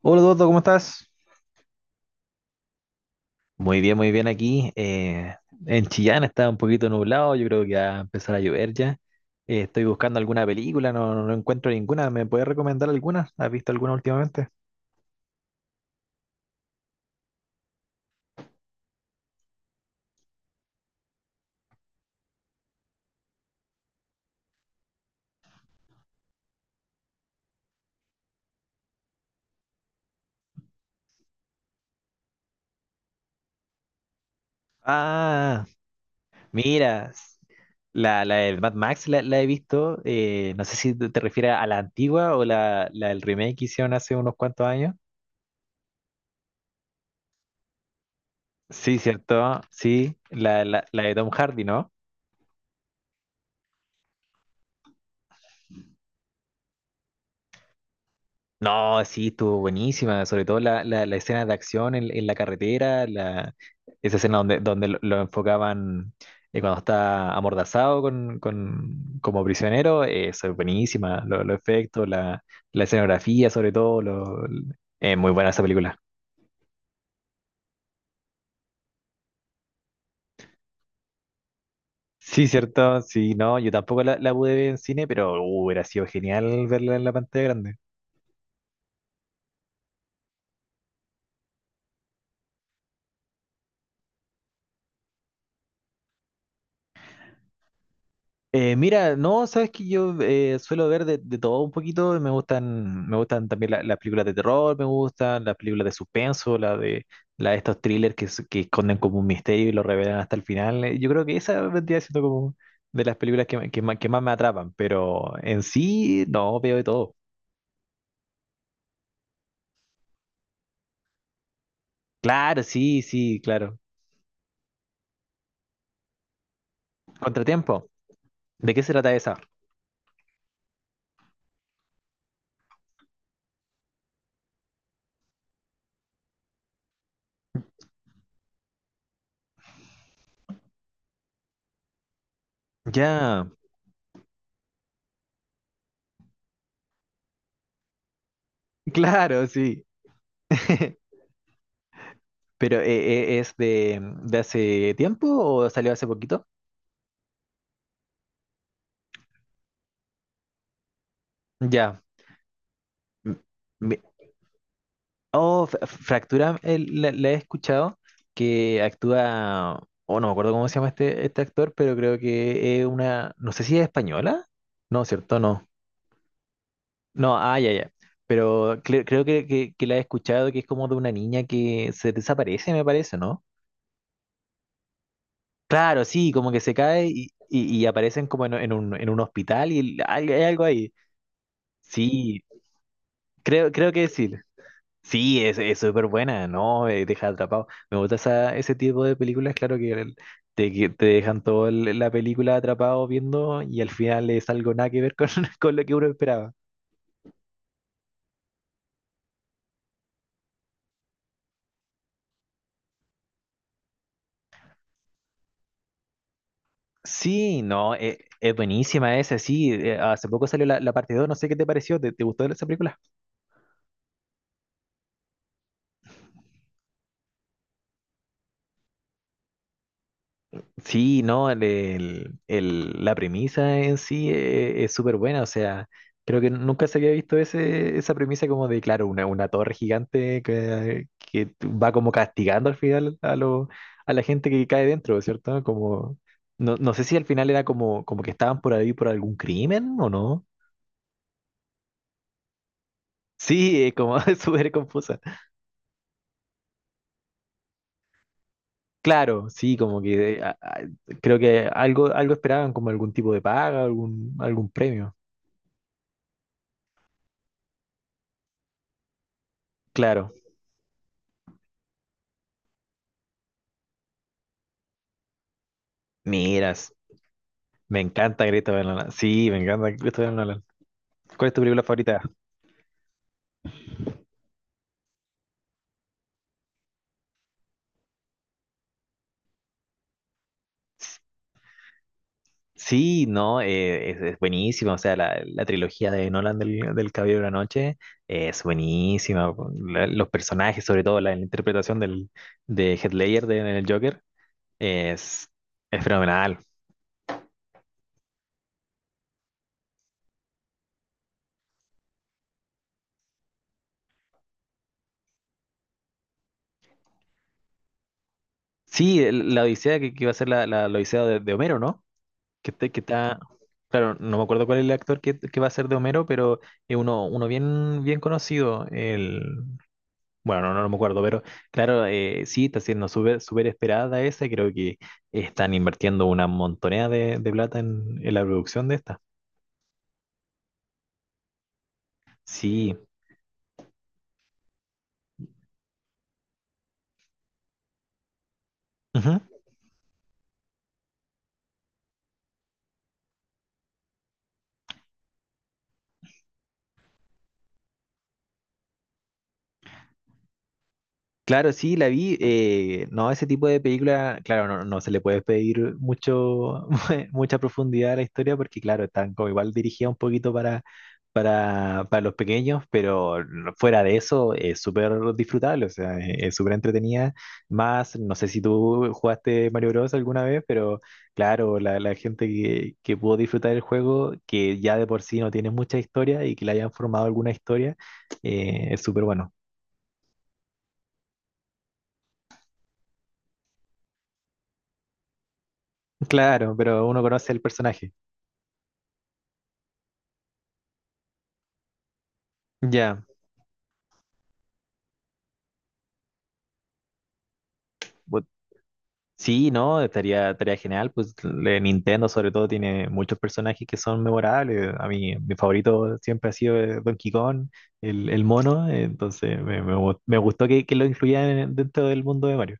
Hola Eduardo, ¿cómo estás? Muy bien aquí. En Chillán está un poquito nublado, yo creo que va a empezar a llover ya. Estoy buscando alguna película, no, no encuentro ninguna. ¿Me puedes recomendar alguna? ¿Has visto alguna últimamente? Ah, mira, la del Mad Max la he visto. No sé si te refieres a la antigua o la del remake que hicieron hace unos cuantos años. Sí, cierto, sí, la de Tom Hardy, ¿no? No, sí, estuvo buenísima, sobre todo la escena de acción en la carretera, esa escena donde, lo enfocaban cuando está amordazado como prisionero, eso es buenísima, los efectos, la escenografía sobre todo, muy buena esa película. Sí, cierto, sí, no, yo tampoco la pude ver en cine, pero hubiera sido genial verla en la pantalla grande. Mira, no, sabes que yo suelo ver de todo un poquito. Me gustan también las películas de terror, me gustan las películas de suspenso, la de estos thrillers que esconden como un misterio y lo revelan hasta el final. Yo creo que esa vendría siendo como de las películas que más me atrapan, pero en sí, no, veo de todo. Claro, sí, sí, claro. Contratiempo, ¿de qué se trata esa? Ya, claro, sí. Pero ¿es de hace tiempo o salió hace poquito? Ya. M- mi- Oh, Fractura la he escuchado, que actúa, oh, no me acuerdo cómo se llama este actor, pero creo que es una, no sé si es española. No, ¿cierto? No. No, ah, ya, ya. Pero creo que la he escuchado, que es como de una niña que se desaparece, me parece, ¿no? Claro, sí, como que se cae y aparecen como en un hospital y hay algo ahí. Sí, creo, creo que sí. Sí, es súper buena, ¿no? Deja atrapado. Me gusta esa, ese tipo de películas, claro que que te dejan toda la película atrapado viendo y al final es algo nada que ver con, con lo que uno esperaba. Sí, no, es buenísima esa, sí. Hace poco salió la parte dos, no sé qué te pareció, te gustó esa película? Sí, no, la premisa en sí es súper buena, o sea, creo que nunca se había visto esa premisa como de, claro, una torre gigante que va como castigando al final a la gente que cae dentro, ¿cierto? Como, no sé si al final era como, como que estaban por ahí por algún crimen o no. Sí, es como es súper confusa. Claro, sí, como que creo que algo, algo esperaban, como algún tipo de paga, algún, algún premio. Claro. Miras. Me encanta Christopher Nolan. Sí, me encanta Christopher Nolan. ¿Cuál es tu película favorita? Sí, no, es buenísima. O sea, la trilogía de Nolan del Caballero de la Noche es buenísima. Los personajes, sobre todo la interpretación de Heath Ledger de, en el Joker, es, es fenomenal. Sí, la Odisea que iba a ser la Odisea de Homero, ¿no? Que está. Claro, no me acuerdo cuál es el actor que va a ser de Homero, pero es uno bien, bien conocido. El. Bueno, no, no me acuerdo, pero claro, sí, está siendo súper súper esperada esa. Creo que están invirtiendo una montonera de plata en la producción de esta. Sí. Claro, sí, la vi. No, ese tipo de película, claro, no, no se le puede pedir mucho, mucha profundidad a la historia porque, claro, están como igual dirigida un poquito para los pequeños, pero no, fuera de eso es súper disfrutable, o sea, es súper entretenida. Más, no sé si tú jugaste Mario Bros. Alguna vez, pero claro, la gente que pudo disfrutar el juego, que ya de por sí no tiene mucha historia y que le hayan formado alguna historia, es súper bueno. Claro, pero uno conoce el personaje. Ya. bu- Sí, ¿no? Estaría, estaría genial. Pues Nintendo sobre todo tiene muchos personajes que son memorables. A mí, mi favorito siempre ha sido Donkey Kong, el mono. Entonces me gustó que lo incluyan dentro del mundo de Mario.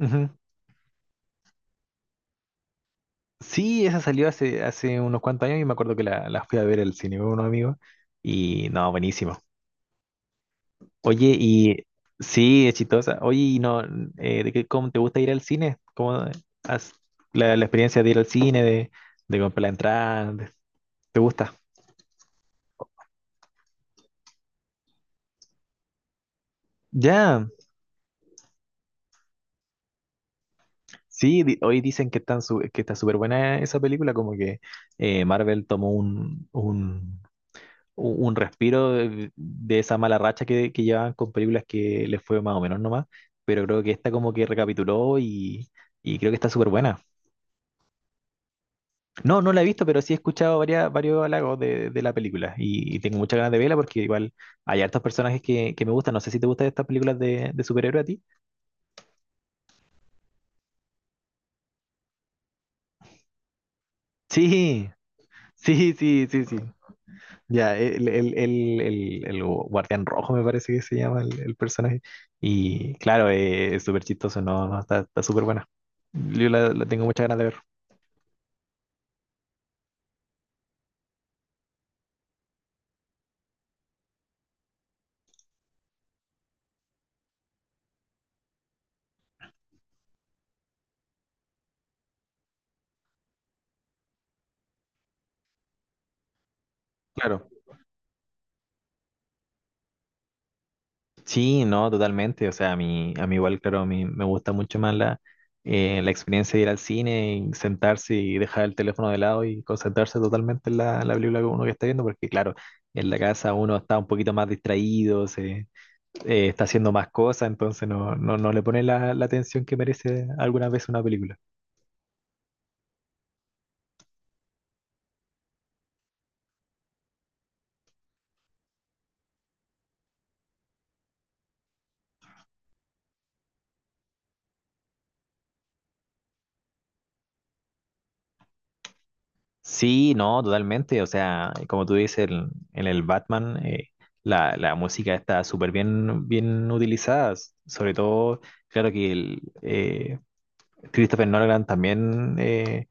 Ujú. Sí, esa salió hace, hace unos cuantos años y me acuerdo que la fui a ver al cine con unos amigos. Y no, buenísimo. Oye, y sí, es chistosa. Oye, y no, ¿cómo te gusta ir al cine? Has- la experiencia de ir al cine, de comprar la entrada? ¿Te gusta? Ya, sí, hoy dicen que, que está súper buena esa película, como que Marvel tomó un respiro de esa mala racha que llevaban con películas que les fue más o menos nomás, pero creo que esta como que recapituló y creo que está súper buena. No, no la he visto, pero sí he escuchado varios halagos de la película y tengo muchas ganas de verla porque igual hay hartos personajes que me gustan. No sé si te gustan estas películas de superhéroe a ti. Sí, sí, sí. Ya, el Guardián Rojo me parece que se llama el personaje. Y claro, es súper chistoso, no, no, está súper buena. Yo la tengo muchas ganas de ver. Claro. Sí, no, totalmente. O sea, a mí igual, claro, a mí me gusta mucho más la experiencia de ir al cine y sentarse y dejar el teléfono de lado y concentrarse totalmente en la película que uno que está viendo, porque claro, en la casa uno está un poquito más distraído, está haciendo más cosas, entonces no, no, no le pone la atención que merece algunas veces una película. Sí, no, totalmente. O sea, como tú dices, en el Batman la música está súper bien, bien utilizada. Sobre todo, claro que Christopher Nolan también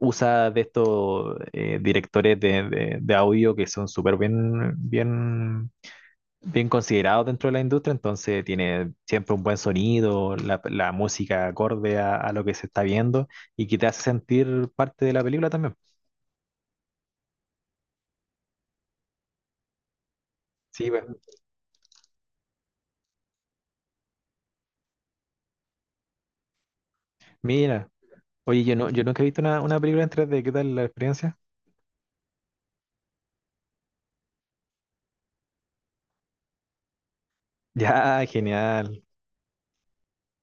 usa de estos directores de audio que son súper bien, bien, bien considerados dentro de la industria. Entonces tiene siempre un buen sonido, la música acorde a lo que se está viendo y que te hace sentir parte de la película también. Sí, pues. Mira. Oye, yo no, yo nunca he visto una película en 3D, ¿qué tal la experiencia? Ya, genial.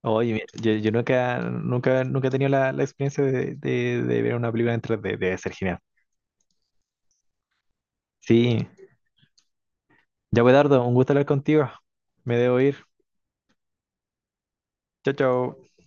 Oye, mira, yo nunca, nunca, nunca he tenido la experiencia de ver una película en 3D, debe ser genial. Sí, ya Dardo. Un gusto hablar contigo. Me debo ir. Chao, chao.